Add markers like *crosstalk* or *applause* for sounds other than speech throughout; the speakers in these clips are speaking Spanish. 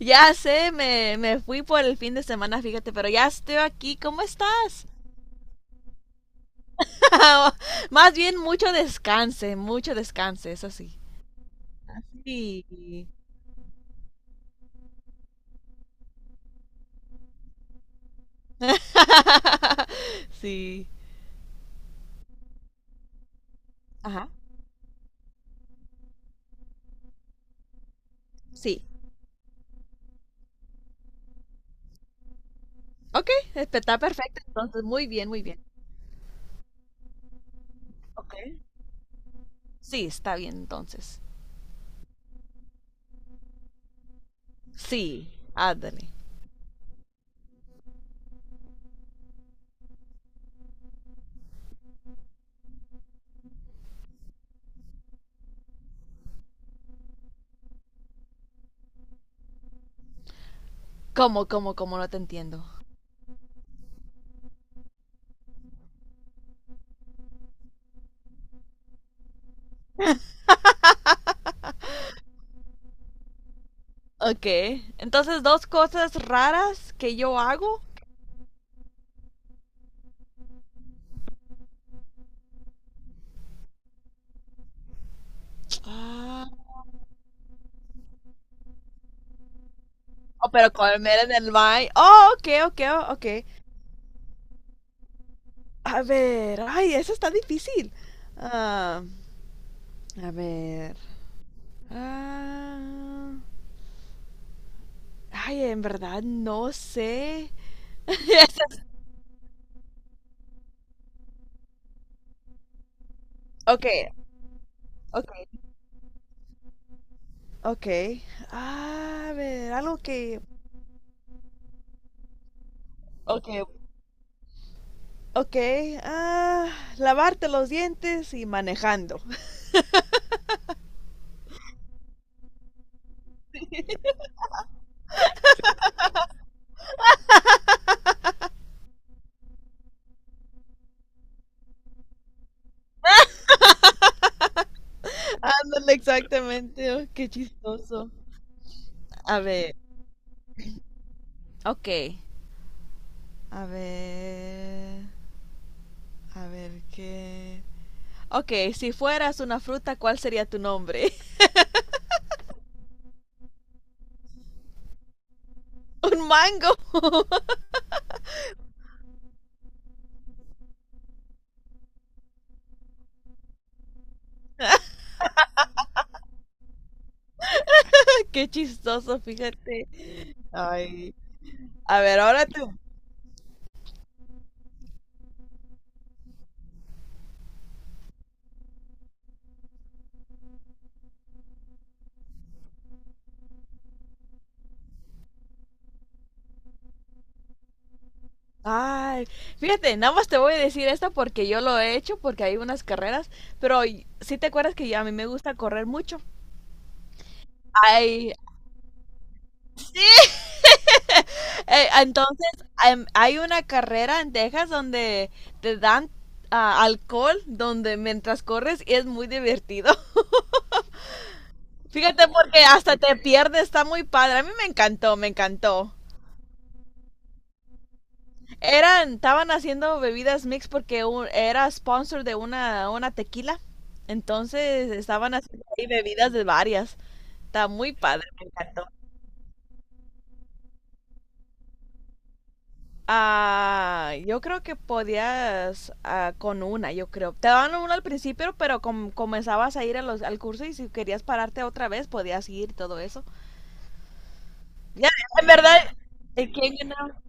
Ya sé, me fui por el fin de semana, fíjate, pero ya estoy aquí. ¿Cómo estás? *laughs* Más bien mucho descanse, eso sí. Sí. *laughs* Sí. Ajá. Sí. Ok, está perfecto. Entonces, muy bien, muy bien. Ok. Sí, está bien entonces. Sí, ándale. ¿Cómo no te entiendo? Ok. Entonces, dos cosas raras que yo hago. Ah, oh, pero comer en el baño. Oh, ok, ok, ok. A ver, ay, eso está difícil. Ah, a ver. ah, Ay, en verdad no sé. *laughs* Ok, ok, ok. A ver, algo que... Ok, ok. Ah, lavarte los dientes y manejando. *laughs* Ándale, exactamente. Oh, qué chistoso. A ver, ok. A ver, a ver qué. Ok, si fueras una fruta, ¿cuál sería tu nombre? *laughs* Un mango. *laughs* Qué chistoso, fíjate. Ay. A ver, ahora tú. Ay, fíjate, nada más te voy a decir esto porque yo lo he hecho, porque hay unas carreras, pero sí te acuerdas que a mí me gusta correr mucho. Ay, entonces hay una carrera en Texas donde te dan alcohol donde mientras corres y es muy divertido. *laughs* Fíjate porque hasta te pierdes, está muy padre. A mí me encantó, me encantó. Eran, estaban haciendo bebidas mix porque era sponsor de una tequila. Entonces estaban haciendo ahí bebidas de varias. Está muy padre, me encantó. Yo creo que podías con una, yo creo. Te daban una al principio, pero comenzabas a ir a los, al curso y si querías pararte otra vez, podías ir y todo eso. Ya, en verdad, ¿el quién ganaba?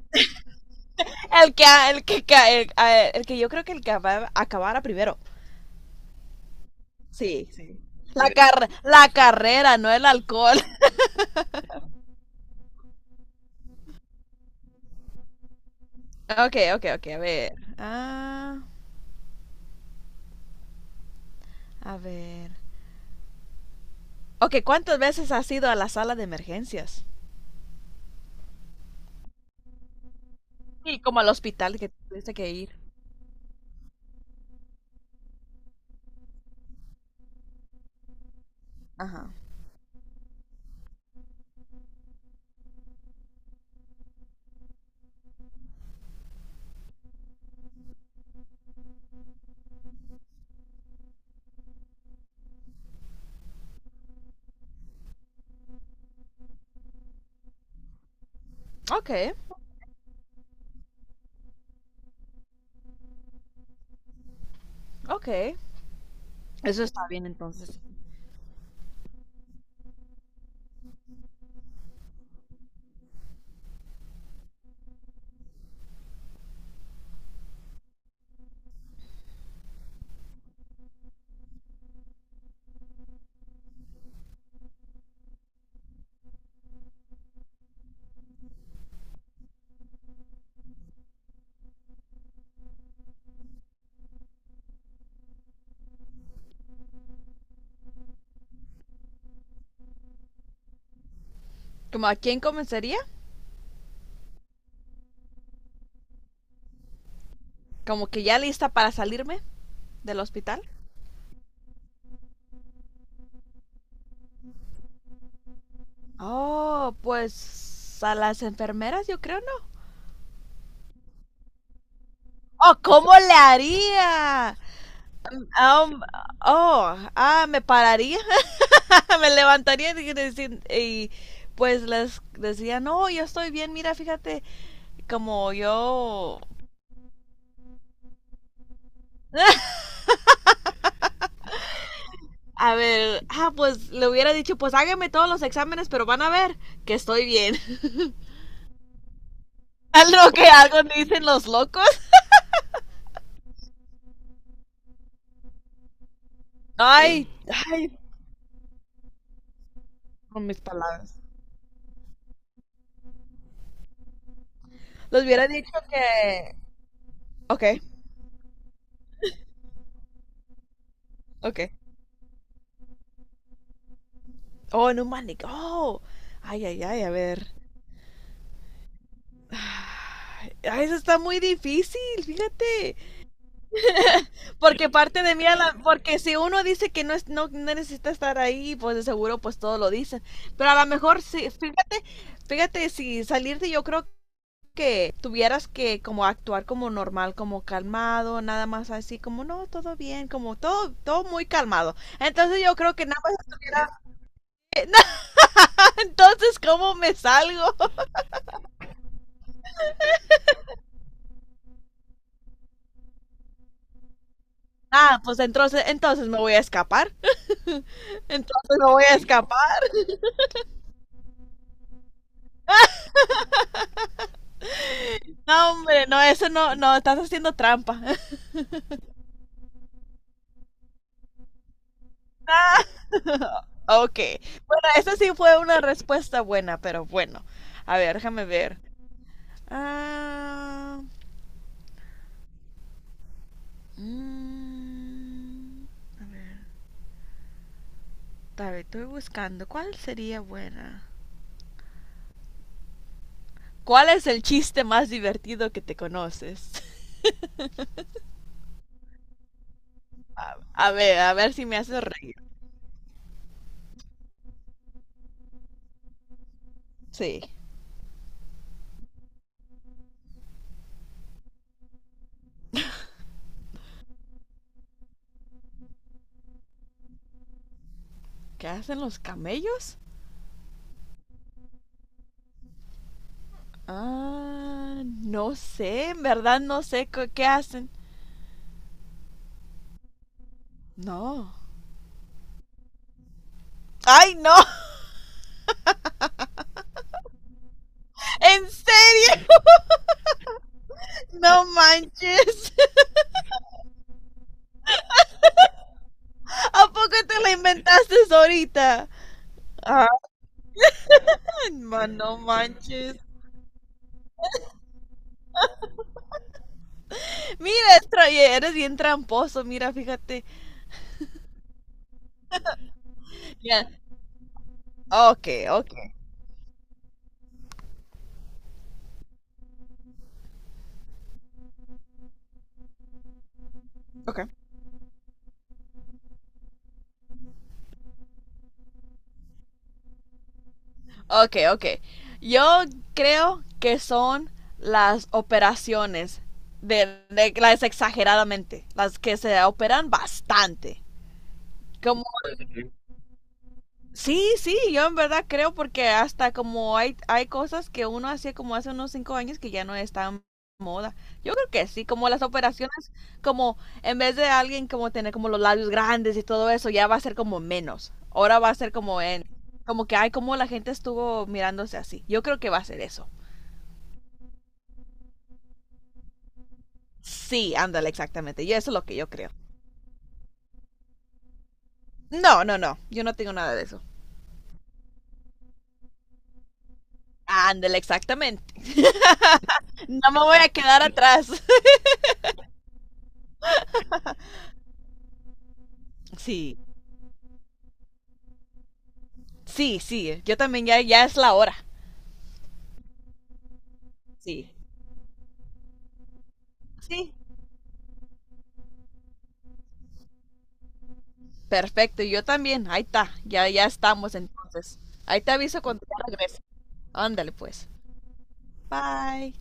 El que, el que yo creo que el que acabara primero. Sí. Sí. La carrera, no el alcohol. *laughs* Ok, ok, ok, a ver. A ver. Ok, ¿cuántas veces has ido a la sala de emergencias? Sí, como al hospital que tuviste que ir. Ajá. Ok, ok. Eso está bien entonces. ¿Como a quién comenzaría? ¿Como que ya lista para salirme del hospital? Oh, pues a las enfermeras yo creo, ¿no? Oh, ¿cómo le haría? Um, oh, Me pararía *laughs* me levantaría y pues les decía, no, yo estoy bien, mira, fíjate, como yo... *laughs* A ver, pues le hubiera dicho, pues hágame todos los exámenes, pero van a ver que estoy bien. *laughs* Algo que algo dicen los locos. Ay, ay, con mis palabras. Les hubiera dicho que... Ok, ok. Oh, no mames. Oh, ay, ay, ay, a ver. Ay, eso está muy difícil, fíjate. Porque parte de mí, a la, porque si uno dice que no, es, no no necesita estar ahí, pues de seguro pues todo lo dicen. Pero a lo mejor, si, fíjate, si salirte yo creo que tuvieras que como actuar como normal, como calmado, nada más así como no, todo bien, como todo, todo muy calmado. Entonces yo creo que nada más estuviera... *laughs* No, entonces, ¿cómo me salgo? Ah, pues entonces, entonces me voy a escapar. *laughs* Entonces me voy a escapar. No, hombre, no, eso no, no, estás haciendo trampa. *laughs* *laughs* Ok. Bueno, esa sí fue una respuesta buena, pero bueno. A ver, déjame ver. Ah, mm, a ver, estoy buscando. ¿Cuál sería buena? ¿Cuál es el chiste más divertido que te conoces? *laughs* A ver si me haces reír. Sí. ¿Qué hacen los camellos? Ah, no sé, en verdad no sé qué hacen. No. ¡Ay, no! *laughs* ¿En serio? *laughs* No manches. ¿A poco te la inventaste ahorita? Ay, man, no manches. Mira, eres bien tramposo, mira, fíjate. Ya. Ok, ok. Ok. Ok, ok. Yo creo que son las operaciones las exageradamente, las que se operan bastante. Como sí, sí, yo en verdad creo porque hasta como hay cosas que uno hacía como hace unos 5 años que ya no están moda. Yo creo que sí, como las operaciones, como en vez de alguien como tener como los labios grandes y todo eso, ya va a ser como menos. Ahora va a ser como en, como que, hay como la gente estuvo mirándose así. Yo creo que va a ser eso. Sí, ándale, exactamente. Yo eso es lo que yo creo. No, no, no, yo no tengo nada de eso. Ándale, exactamente. No me voy a quedar atrás. *laughs* Sí. Sí, sí, yo también, ya, ya es la hora. Sí. Sí. Perfecto, yo también, ahí está, ya, ya estamos entonces. Ahí te aviso cuando ya regrese. Ándale pues. Bye.